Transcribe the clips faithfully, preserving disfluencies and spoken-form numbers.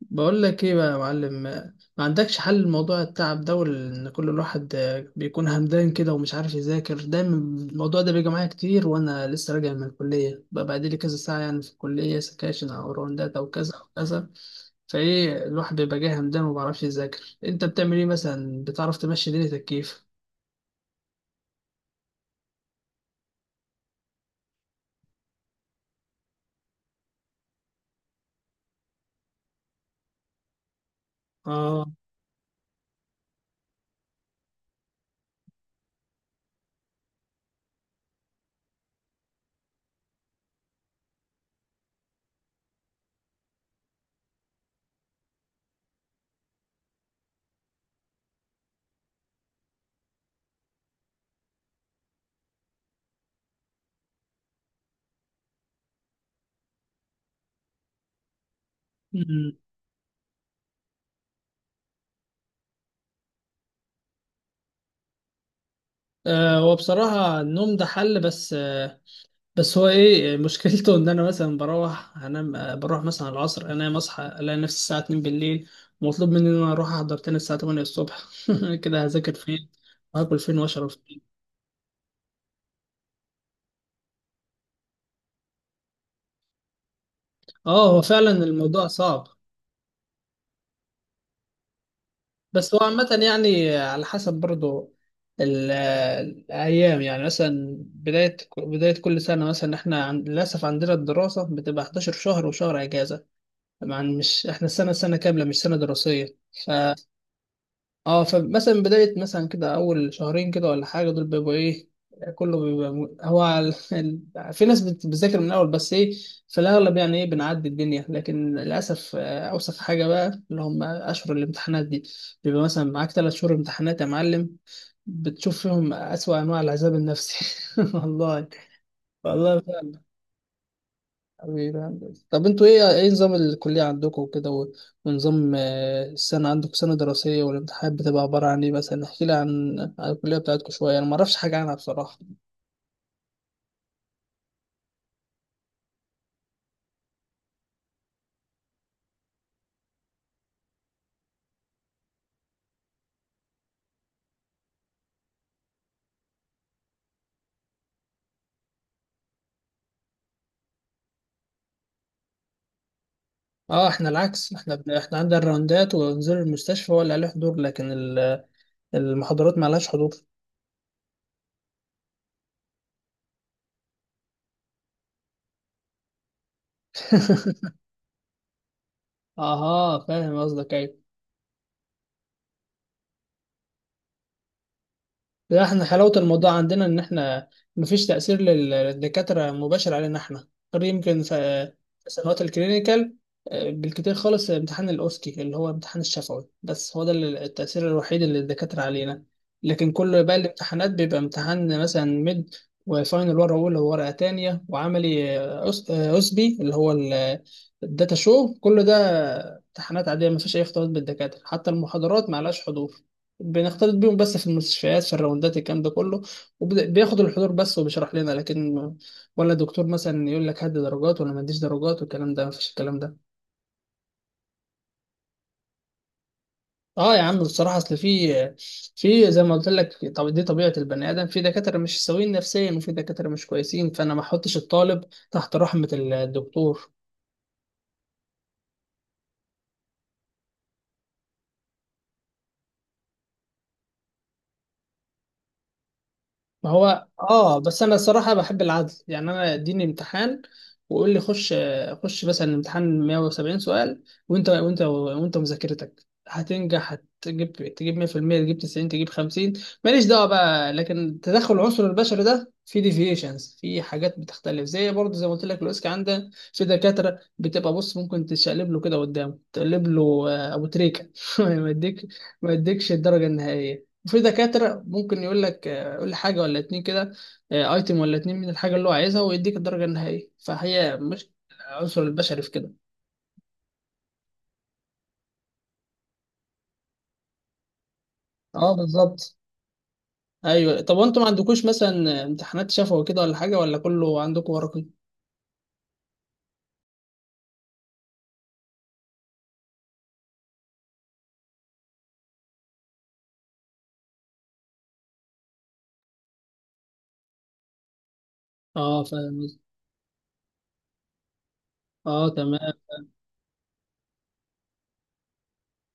بقول لك ايه بقى يا معلم، ما عندكش حل لموضوع التعب ده وان كل الواحد بيكون همدان كده ومش عارف يذاكر؟ دايما الموضوع ده بيجي معايا كتير وانا لسه راجع من الكليه بقى بعد لي كذا ساعه، يعني في الكليه سكاشن او راوندات او كذا او كذا. فايه، الواحد بيبقى جاي همدان وما بيعرفش يذاكر. انت بتعمل ايه مثلا، بتعرف تمشي دنيتك كيف؟ اه. أمم. آه، هو بصراحة النوم ده حل، بس آه، بس هو ايه مشكلته ان انا مثلا بروح انام، بروح مثلا على العصر انام، اصحى الاقي نفسي الساعه اتنين بالليل ومطلوب مني ان انا اروح احضر تاني الساعه تمانية الصبح. كده هذاكر فين وهاكل فين واشرب فين؟ اه هو فعلا الموضوع صعب. بس هو عامه يعني على حسب برضو ال- الايام، يعني مثلا بدايه بدايه كل سنه مثلا احنا عن... للاسف عندنا الدراسه بتبقى حداشر شهر وشهر اجازه. طبعا مش احنا السنه سنه كامله مش سنه دراسيه. اه فمثلا بداية مثلا كده أول شهرين كده ولا حاجة دول بيبقوا إيه، كله بيبقى م- هو على ال- في ناس بت- بتذاكر من الأول، بس إيه في الأغلب يعني إيه بنعدي الدنيا، لكن للأسف آه، أوسخ حاجة بقى اللي هم أشهر الامتحانات دي، بيبقى مثلا معاك تلات شهور امتحانات يا معلم، بتشوف فيهم أسوأ أنواع العذاب النفسي. والله. والله. حبيبي يا هندسة. طب انتوا ايه ايه نظام الكلية عندكم وكده و- ونظام، آه، السنة عندكم سنة دراسية والامتحانات بتبقى عبارة عن ايه؟ مثلا احكي لي عن عن الكلية بتاعتكم شوية، انا ما اعرفش حاجة عنها بصراحة. اه احنا العكس، احنا بن... احنا عندنا الراوندات ونزور المستشفى ولا عليه حضور، لكن ال- المحاضرات ما لهاش حضور. اها فاهم قصدك، ايوه. لا احنا حلاوة الموضوع عندنا ان احنا مفيش تأثير لل- للدكاترة مباشر علينا احنا، غير يمكن في سنوات الكلينيكال، آه، بالكتير خالص امتحان الاوسكي اللي هو امتحان الشفوي، بس هو ده اللي- التأثير الوحيد اللي الدكاترة علينا. لكن كل باقي الامتحانات بيبقى امتحان مثلا ميد وفاينل، ورقة أولى وورقة تانية، وعملي آه، أس- آه، أسبي اللي هو الداتا شو، كل ده امتحانات عادية مفيش أي اختلاط بالدكاترة، حتى المحاضرات معلهاش حضور. بنختلط بيهم بس في المستشفيات في الراوندات الكلام ده كله، وبياخد الحضور بس وبيشرح لنا، لكن ما- ولا دكتور مثلا يقول لك هات درجات ولا ما اديش درجات، والكلام ده مفيش الكلام ده. اه يا عم بصراحه اصل في في زي ما قلت لك، طب دي طبيعه البني ادم، في دكاتره مش سويين نفسيا وفي دكاتره مش كويسين، فانا ما احطش الطالب تحت رحمه الدكتور. ما هو اه، بس انا الصراحه بحب العدل، يعني انا اديني امتحان وقول لي خش، خش مثلا الامتحان مية وسبعين سؤال وانت وانت وانت مذاكرتك هتنجح، هتجيب تجيب مية في المية، تجيب تسعين، تجيب خمسين، ماليش دعوه بقى، لكن تدخل العنصر البشري ده في ديفيشنز، في حاجات بتختلف زي برضه زي ما قلت لك الاوسكا، عنده في دكاتره بتبقى بص ممكن تشقلب له كده قدامه تقلب له، آه، ابو تريكه ما يديك ما يديكش الدرجه النهائيه. وفي دكاترة ممكن يقول لك آه، قول لي حاجة ولا اتنين كده، آه، ايتم ولا اتنين من الحاجة اللي هو عايزها ويديك الدرجة النهائية، فهي مش العنصر البشري في كده. اه بالظبط. ايوه طب وانتوا ما عندكوش مثلا امتحانات شفوي كده ولا حاجة، ولا كله عندكم ورقي؟ اه فاهم قصدك. اه تمام.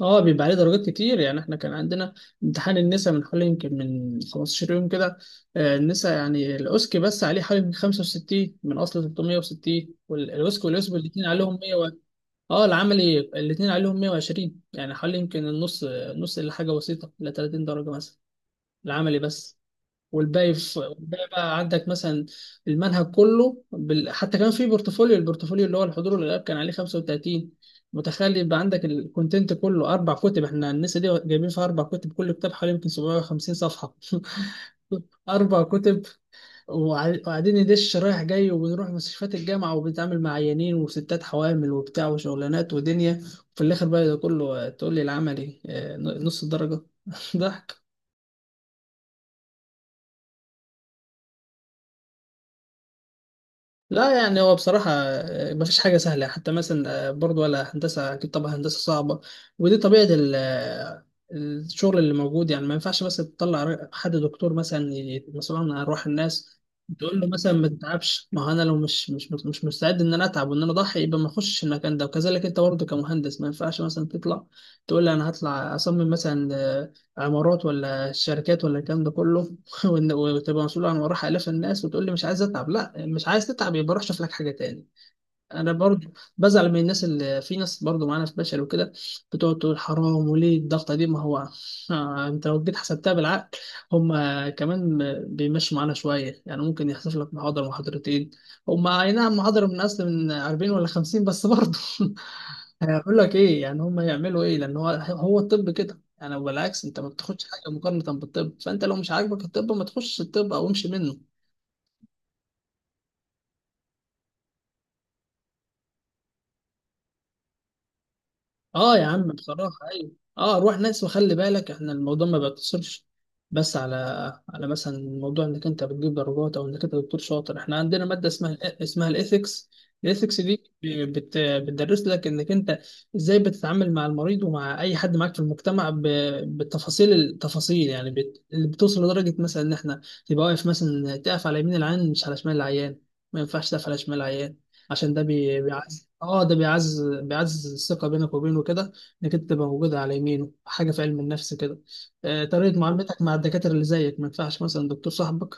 اه بيبقى عليه درجات كتير، يعني احنا كان عندنا امتحان النساء من حوالي يمكن من خمستاشر يوم كده، آه، النساء يعني الاوسكي بس عليه حوالي من خمسة وستين من اصل تلتمية وستين، والأوسكي واليوسب الاثنين عليهم مية. اه العملي الاثنين عليهم مية وعشرين، يعني حوالي يمكن النص، نص الا حاجه بسيطه ل ثلاثين درجه مثلا العملي بس. والباقي في والباقي بقى عندك مثلا المنهج كله بال... حتى كان في بورتفوليو البورتفوليو اللي هو الحضور والغياب كان عليه خمسة وتلاتين. متخيل يبقى عندك الكونتنت كله اربع كتب، احنا الناس دي جايبين فيها اربع كتب، كل كتاب حوالي يمكن سبعمية وخمسين صفحه. اربع كتب. وقع- وقاعدين ندش رايح جاي، وبنروح مستشفيات الجامعة وبنتعامل مع عيانين وستات حوامل وبتاع وشغلانات ودنيا، وفي الآخر بقى ده كله، آه، تقول لي العملي آه، نص الدرجة. ضحك. لا يعني هو بصراحة آه، مفيش حاجة سهلة، حتى مثلا آه، برضو ولا هندسة أكيد طبعا هندسة صعبة، ودي طبيعة ال- آه، الشغل اللي موجود، يعني ما ينفعش مثلا تطلع ر- حد دكتور مثلا ي- مسؤول عن أرواح الناس، تقول له مثلا ما تتعبش، ما هو أنا لو مش مش مش مستعد إن أنا أتعب وإن أنا أضحي يبقى ما أخشش المكان ده. وكذلك أنت برضه كمهندس ما ينفعش مثلا تطلع تقول لي أنا هطلع أصمم مثلا آه، عمارات ولا شركات ولا الكلام ده كله، وإن- وتبقى مسؤول عن وراح آلاف الناس وتقول لي مش عايز أتعب، لا مش عايز تتعب يبقى روح شوف لك حاجة تاني. انا برضو بزعل من الناس اللي، في ناس برضو معانا في بشر وكده، بتقعد تقول حرام وليه الضغطه دي، ما هو آه، انت لو جيت حسبتها بالعقل، هم كمان بيمشوا معانا شويه، يعني ممكن يحصل لك محاضره محاضرتين، هم اي نعم محاضره من اصل من اربعين ولا خمسين بس برضو. هيقول لك ايه يعني هم يعملوا ايه؟ لان هو هو الطب كده يعني، بالعكس انت ما بتاخدش حاجه مقارنه بالطب، فانت لو مش عاجبك الطب ما تخش الطب او امشي منه. اه يا عم بصراحة ايوه. اه روح ناس، وخلي بالك احنا الموضوع ما بيقتصرش بس على على مثلا موضوع انك انت بتجيب درجات، او انك انت دكتور شاطر. احنا عندنا مادة اسمها اسمها الايثكس. الايثكس دي بت... بتدرس لك انك انت ازاي بتتعامل مع المريض ومع اي حد معاك في المجتمع ب... بالتفاصيل التفاصيل، يعني بت... اللي بتوصل لدرجة مثلا ان احنا تبقى واقف، مثلا تقف على يمين العيان مش على شمال العيان، ما ينفعش تقف على شمال العيان، عشان ده بي- بيعزز اه ده بيعزز بيعزز الثقة بينك وبينه كده، انك انت تبقى موجود على يمينه، حاجة في علم النفس كده. آه، طريقة معاملتك مع الدكاترة اللي زيك، ما ينفعش مثلا دكتور صاحبك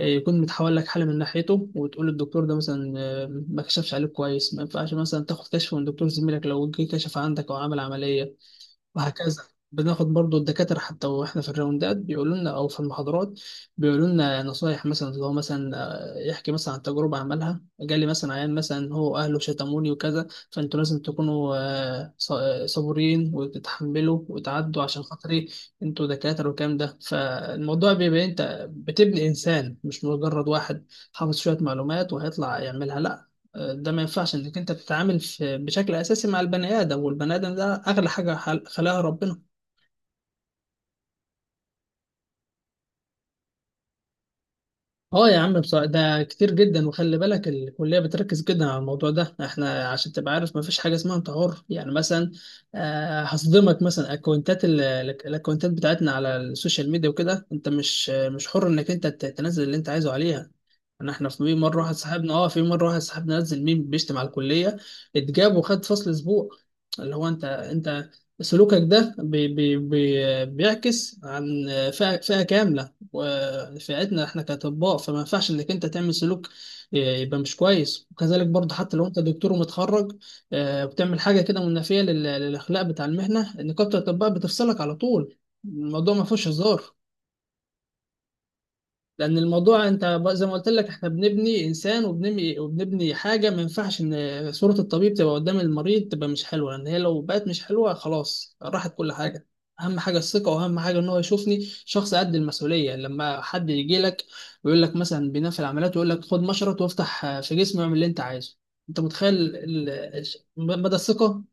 آه، يكون متحول لك حالة من ناحيته وتقول الدكتور ده مثلا آه، ما كشفش عليك كويس، ما ينفعش مثلا تاخد كشف من دكتور زميلك لو جه كشف عندك او عمل عملية، وهكذا. بناخد برضو الدكاترة، حتى واحنا في الراوندات بيقولوا لنا او في المحاضرات بيقولوا لنا نصايح، مثلا اللي هو مثلا آه، يحكي مثلا عن تجربة عملها، جالي مثلا عيان مثلا هو اهله شتموني وكذا، فانتوا لازم تكونوا آه، ص- آه، صبورين وتتحملوا وتعدوا عشان خاطري، انتوا دكاترة، والكلام ده. فالموضوع بيبقى إيه؟ انت بتبني انسان، مش مجرد واحد حافظ شوية معلومات وهيطلع يعملها، لا. ده ما ينفعش، انك انت بتتعامل في بشكل اساسي مع البني ادم، والبني ادم ده اغلى حاجه خل- خلقها ربنا. اه يا عم بصراحة ده كتير جدا، وخلي بالك الكلية بتركز جدا على الموضوع ده احنا، عشان تبقى عارف ما فيش حاجة اسمها انت حر، يعني مثلا آه، هصدمك مثلا اكونتات ال- الاكونتات بتاعتنا على السوشيال ميديا وكده، انت مش مش حر انك انت ت- تنزل اللي انت عايزه عليها. انا احنا في مرة واحد صاحبنا اه في مرة واحد صاحبنا نزل ميم بيشتم على الكلية، اتجاب وخد فصل اسبوع، اللي هو انت انت سلوكك ده بي بي بي بيعكس عن فئة فئة كاملة، ونفعتنا احنا كاطباء، فما ينفعش انك انت تعمل سلوك آه، يبقى مش كويس. وكذلك برضه حتى لو انت دكتور ومتخرج آه، بتعمل حاجه كده منافيه لل- للاخلاق بتاع المهنه، نقابه الاطباء بتفصلك على طول، الموضوع ما فيهوش هزار. لان الموضوع انت ب- زي ما قلت لك احنا بنبني انسان، وبنبني وبنبني حاجه، ما ينفعش ان صوره الطبيب تبقى قدام المريض تبقى مش حلوه، لان هي لو بقت مش حلوه خلاص راحت كل حاجه. اهم حاجه الثقه، واهم حاجه ان هو يشوفني شخص قد المسؤوليه، لما حد يجي لك ويقول لك مثلا بناء في العمليات ويقول لك خد مشرط وافتح في جسمي واعمل اللي انت عايزه، انت متخيل ال- الش- مدى الثقه؟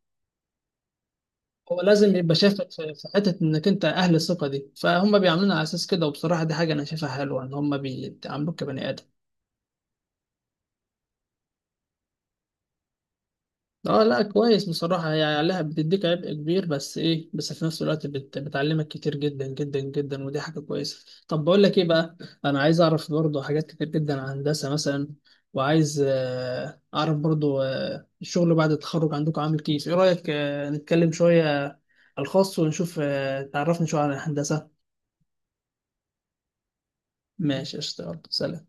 هو لازم يبقى شافك في في حتة إنك أنت أهل الثقة دي، فهم بيعاملونا على أساس كده، وبصراحة دي حاجة أنا شايفها حلوة إن هم بيعاملوك كبني آدم. اه لا كويس بصراحة، هي عليها بتديك عبء كبير بس ايه، بس في نفس الوقت بت... بتعلمك كتير جدا جدا جدا، ودي حاجة كويسة. طب بقول لك ايه بقى، انا عايز اعرف برضو حاجات كتير جدا عن هندسة مثلا، وعايز آه، اعرف برضو آه، الشغل بعد التخرج عندكم عامل كيف، ايه رأيك آه، نتكلم شوية على الخاص ونشوف، آه، تعرفني شوية عن الهندسة. ماشي، اشتغل، سلام.